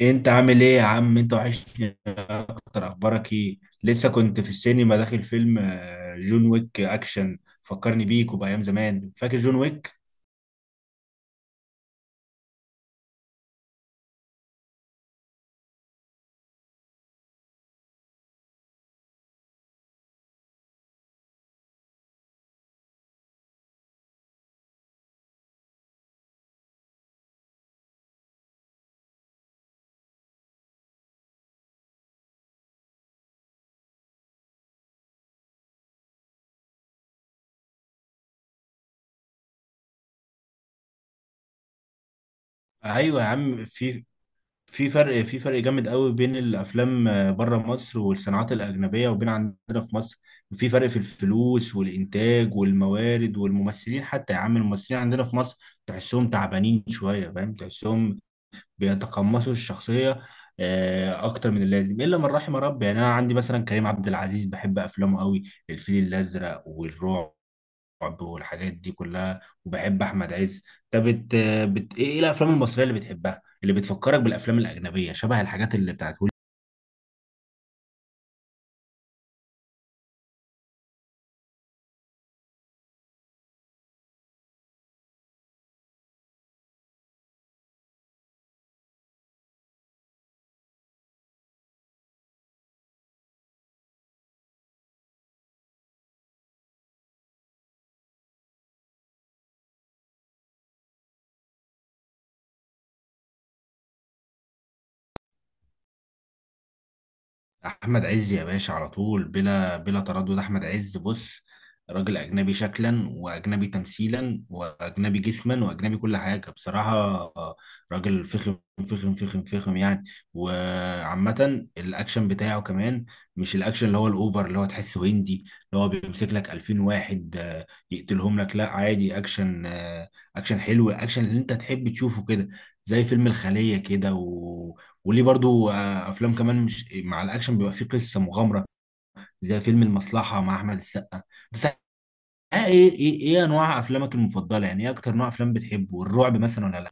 إيه، انت عامل ايه يا عم؟ انت وحشني اكتر. اخبارك ايه؟ لسه كنت في السينما داخل فيلم جون ويك اكشن. فكرني بيك وبايام زمان. فاكر جون ويك؟ ايوه يا عم، في فرق جامد قوي بين الافلام بره مصر والصناعات الاجنبيه وبين عندنا في مصر. في فرق في الفلوس والانتاج والموارد والممثلين حتى يا عم. الممثلين عندنا في مصر تحسهم تعبانين شويه، فاهم؟ تحسهم بيتقمصوا الشخصية أكتر من اللازم، إلا من رحم ربي. يعني أنا عندي مثلا كريم عبد العزيز، بحب أفلامه قوي، الفيل الأزرق والرعب والحاجات دي كلها. وبحب أحمد عز. طب، إيه الأفلام المصرية اللي بتحبها، اللي بتفكرك بالأفلام الأجنبية، شبه الحاجات اللي بتاعت احمد عز يا باشا؟ على طول بلا تردد احمد عز. بص، راجل اجنبي شكلا، واجنبي تمثيلا، واجنبي جسما، واجنبي كل حاجه بصراحه. آه، راجل فخم فخم فخم فخم يعني. وعامه الاكشن بتاعه كمان مش الاكشن اللي هو الاوفر، اللي هو تحسه هندي، اللي هو بيمسك لك 2000 واحد يقتلهم لك. لا، عادي اكشن، اكشن حلو، الاكشن اللي انت تحب تشوفه كده، زي فيلم الخليه كده وليه برضو افلام كمان مش مع الاكشن بيبقى فيه قصه مغامره، زي فيلم المصلحه مع احمد السقا. بس ايه انواع افلامك المفضله، يعني ايه اكتر نوع افلام بتحبه؟ الرعب مثلا ولا لا؟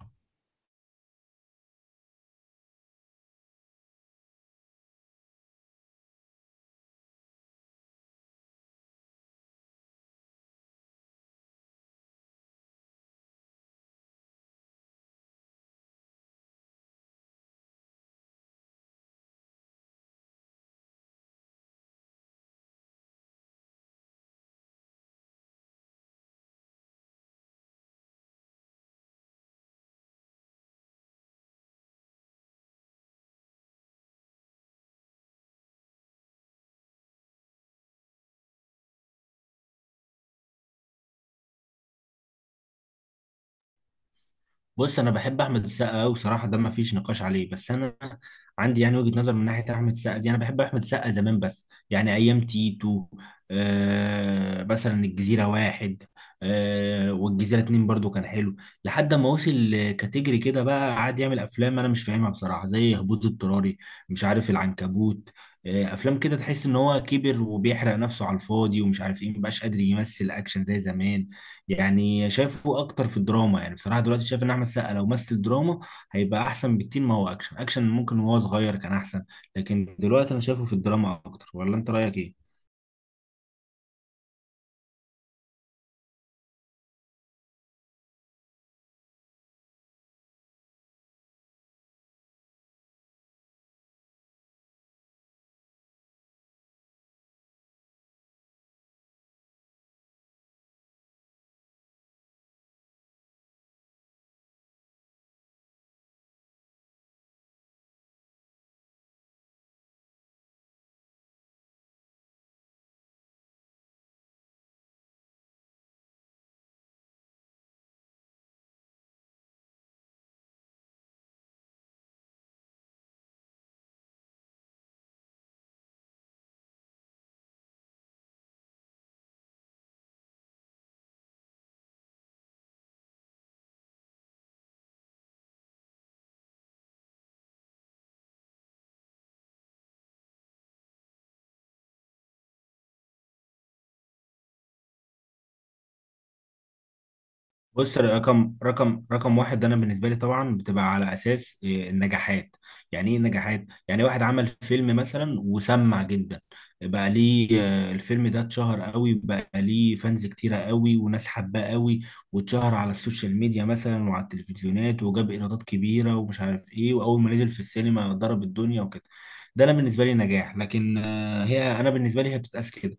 بص، انا بحب احمد السقا قوي بصراحه، ده ما فيش نقاش عليه. بس انا عندي يعني وجهه نظر من ناحيه احمد السقا دي، انا بحب احمد السقا زمان بس، يعني ايام تيتو، مثلا الجزيره واحد، والجزيره اتنين برضو كان حلو. لحد ما وصل لكاتيجري كده، بقى قعد يعمل افلام انا مش فاهمها بصراحه، زي هبوط اضطراري، مش عارف، العنكبوت. افلام كده تحس ان هو كبر وبيحرق نفسه على الفاضي ومش عارف ايه، مبقاش قادر يمثل اكشن زي زمان. يعني شايفه اكتر في الدراما، يعني بصراحه دلوقتي شايف ان احمد السقا لو مثل دراما هيبقى احسن بكتير. ما هو اكشن، اكشن ممكن وهو صغير كان احسن، لكن دلوقتي انا شايفه في الدراما اكتر. ولا انت رايك ايه؟ بص، رقم واحد انا بالنسبه لي طبعا بتبقى على اساس إيه، النجاحات. يعني ايه النجاحات؟ يعني واحد عمل فيلم مثلا وسمع جدا، بقى ليه الفيلم ده اتشهر قوي، بقى ليه فانز كتيره قوي وناس حباه قوي، واتشهر على السوشيال ميديا مثلا وعلى التلفزيونات، وجاب ايرادات كبيره ومش عارف ايه، واول ما نزل في السينما ضرب الدنيا وكده. ده انا بالنسبه لي نجاح، لكن هي انا بالنسبه لي هي بتتقاس كده.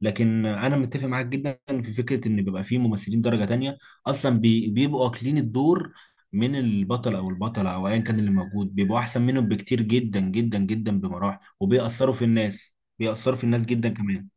لكن انا متفق معاك جدا في فكره ان بيبقى فيه ممثلين درجه تانية، اصلا بيبقوا واكلين الدور من البطل او البطله او ايا كان اللي موجود، بيبقوا احسن منهم بكتير جدا جدا جدا بمراحل، وبيأثروا في الناس، بيأثروا في الناس جدا كمان.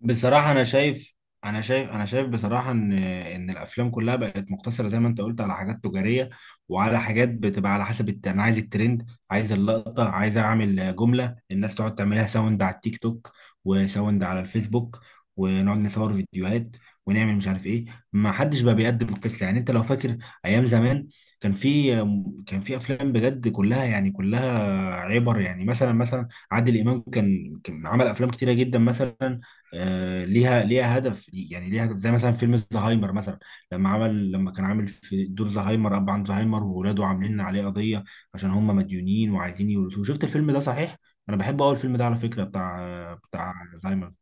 بصراحة، أنا شايف بصراحة إن الأفلام كلها بقت مقتصرة زي ما أنت قلت على حاجات تجارية، وعلى حاجات بتبقى على حسب أنا عايز الترند، عايز اللقطة، عايز أعمل جملة الناس تقعد تعملها ساوند على التيك توك، وساوند على الفيسبوك، ونقعد نصور فيديوهات، ونعمل مش عارف إيه. ما حدش بقى بيقدم قصة. يعني أنت لو فاكر أيام زمان، كان في كان في أفلام بجد، كلها يعني كلها عبر. يعني مثلا، عادل إمام كان عمل أفلام كتيرة جدا، مثلا ليها هدف، يعني ليها هدف، زي مثلا فيلم زهايمر مثلا، لما كان عامل في دور زهايمر، اب عن زهايمر وولاده عاملين عليه قضيه عشان هم مديونين وعايزين يورثوه. شفت الفيلم ده، صحيح؟ انا بحب اول الفيلم ده على فكره، بتاع زهايمر.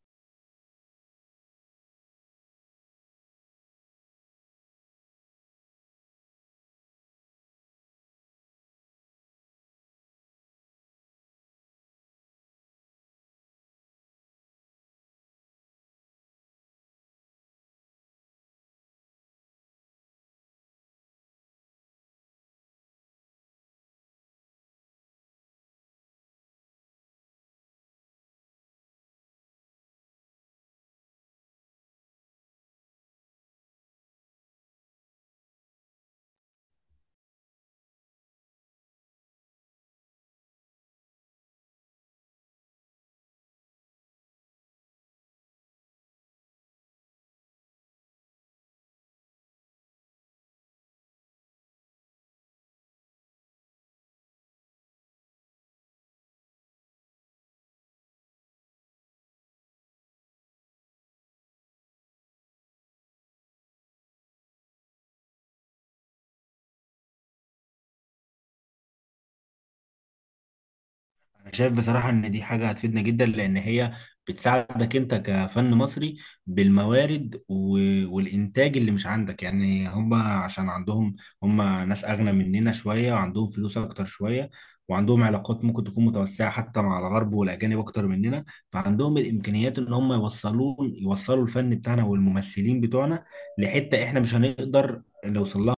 انا شايف بصراحة ان دي حاجة هتفيدنا جدا، لان هي بتساعدك انت كفن مصري بالموارد والانتاج اللي مش عندك. يعني هم، عشان عندهم، هم ناس اغنى مننا شوية، وعندهم فلوس اكتر شوية، وعندهم علاقات ممكن تكون متوسعة حتى مع الغرب والاجانب اكتر مننا. فعندهم الامكانيات ان هم يوصلوا الفن بتاعنا والممثلين بتوعنا لحتة احنا مش هنقدر نوصل لها.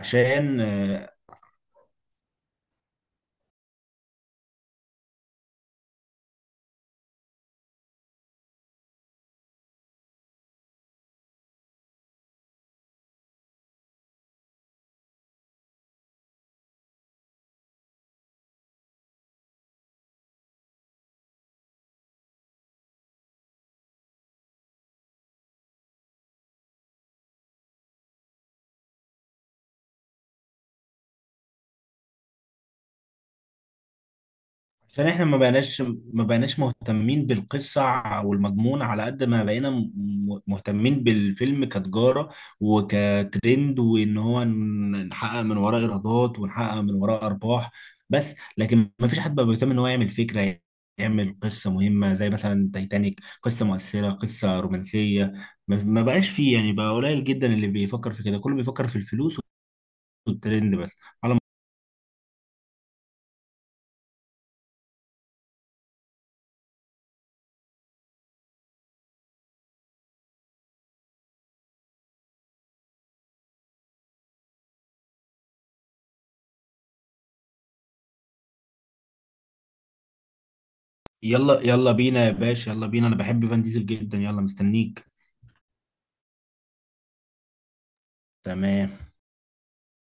عشان احنا ما بقيناش، مهتمين بالقصة والمضمون على قد ما بقينا مهتمين بالفيلم كتجارة وكترند، وان هو نحقق من وراه ايرادات، ونحقق من وراه ارباح بس. لكن ما فيش حد بقى بيهتم ان هو يعمل فكرة، يعمل قصة مهمة، زي مثلا تايتانيك، قصة مؤثرة، قصة رومانسية. ما بقاش فيه، يعني بقى قليل جدا اللي بيفكر في كده، كله بيفكر في الفلوس والترند بس. على يلا يلا بينا يا باشا، يلا بينا، انا بحب فان ديزل جدا، يلا مستنيك. تمام.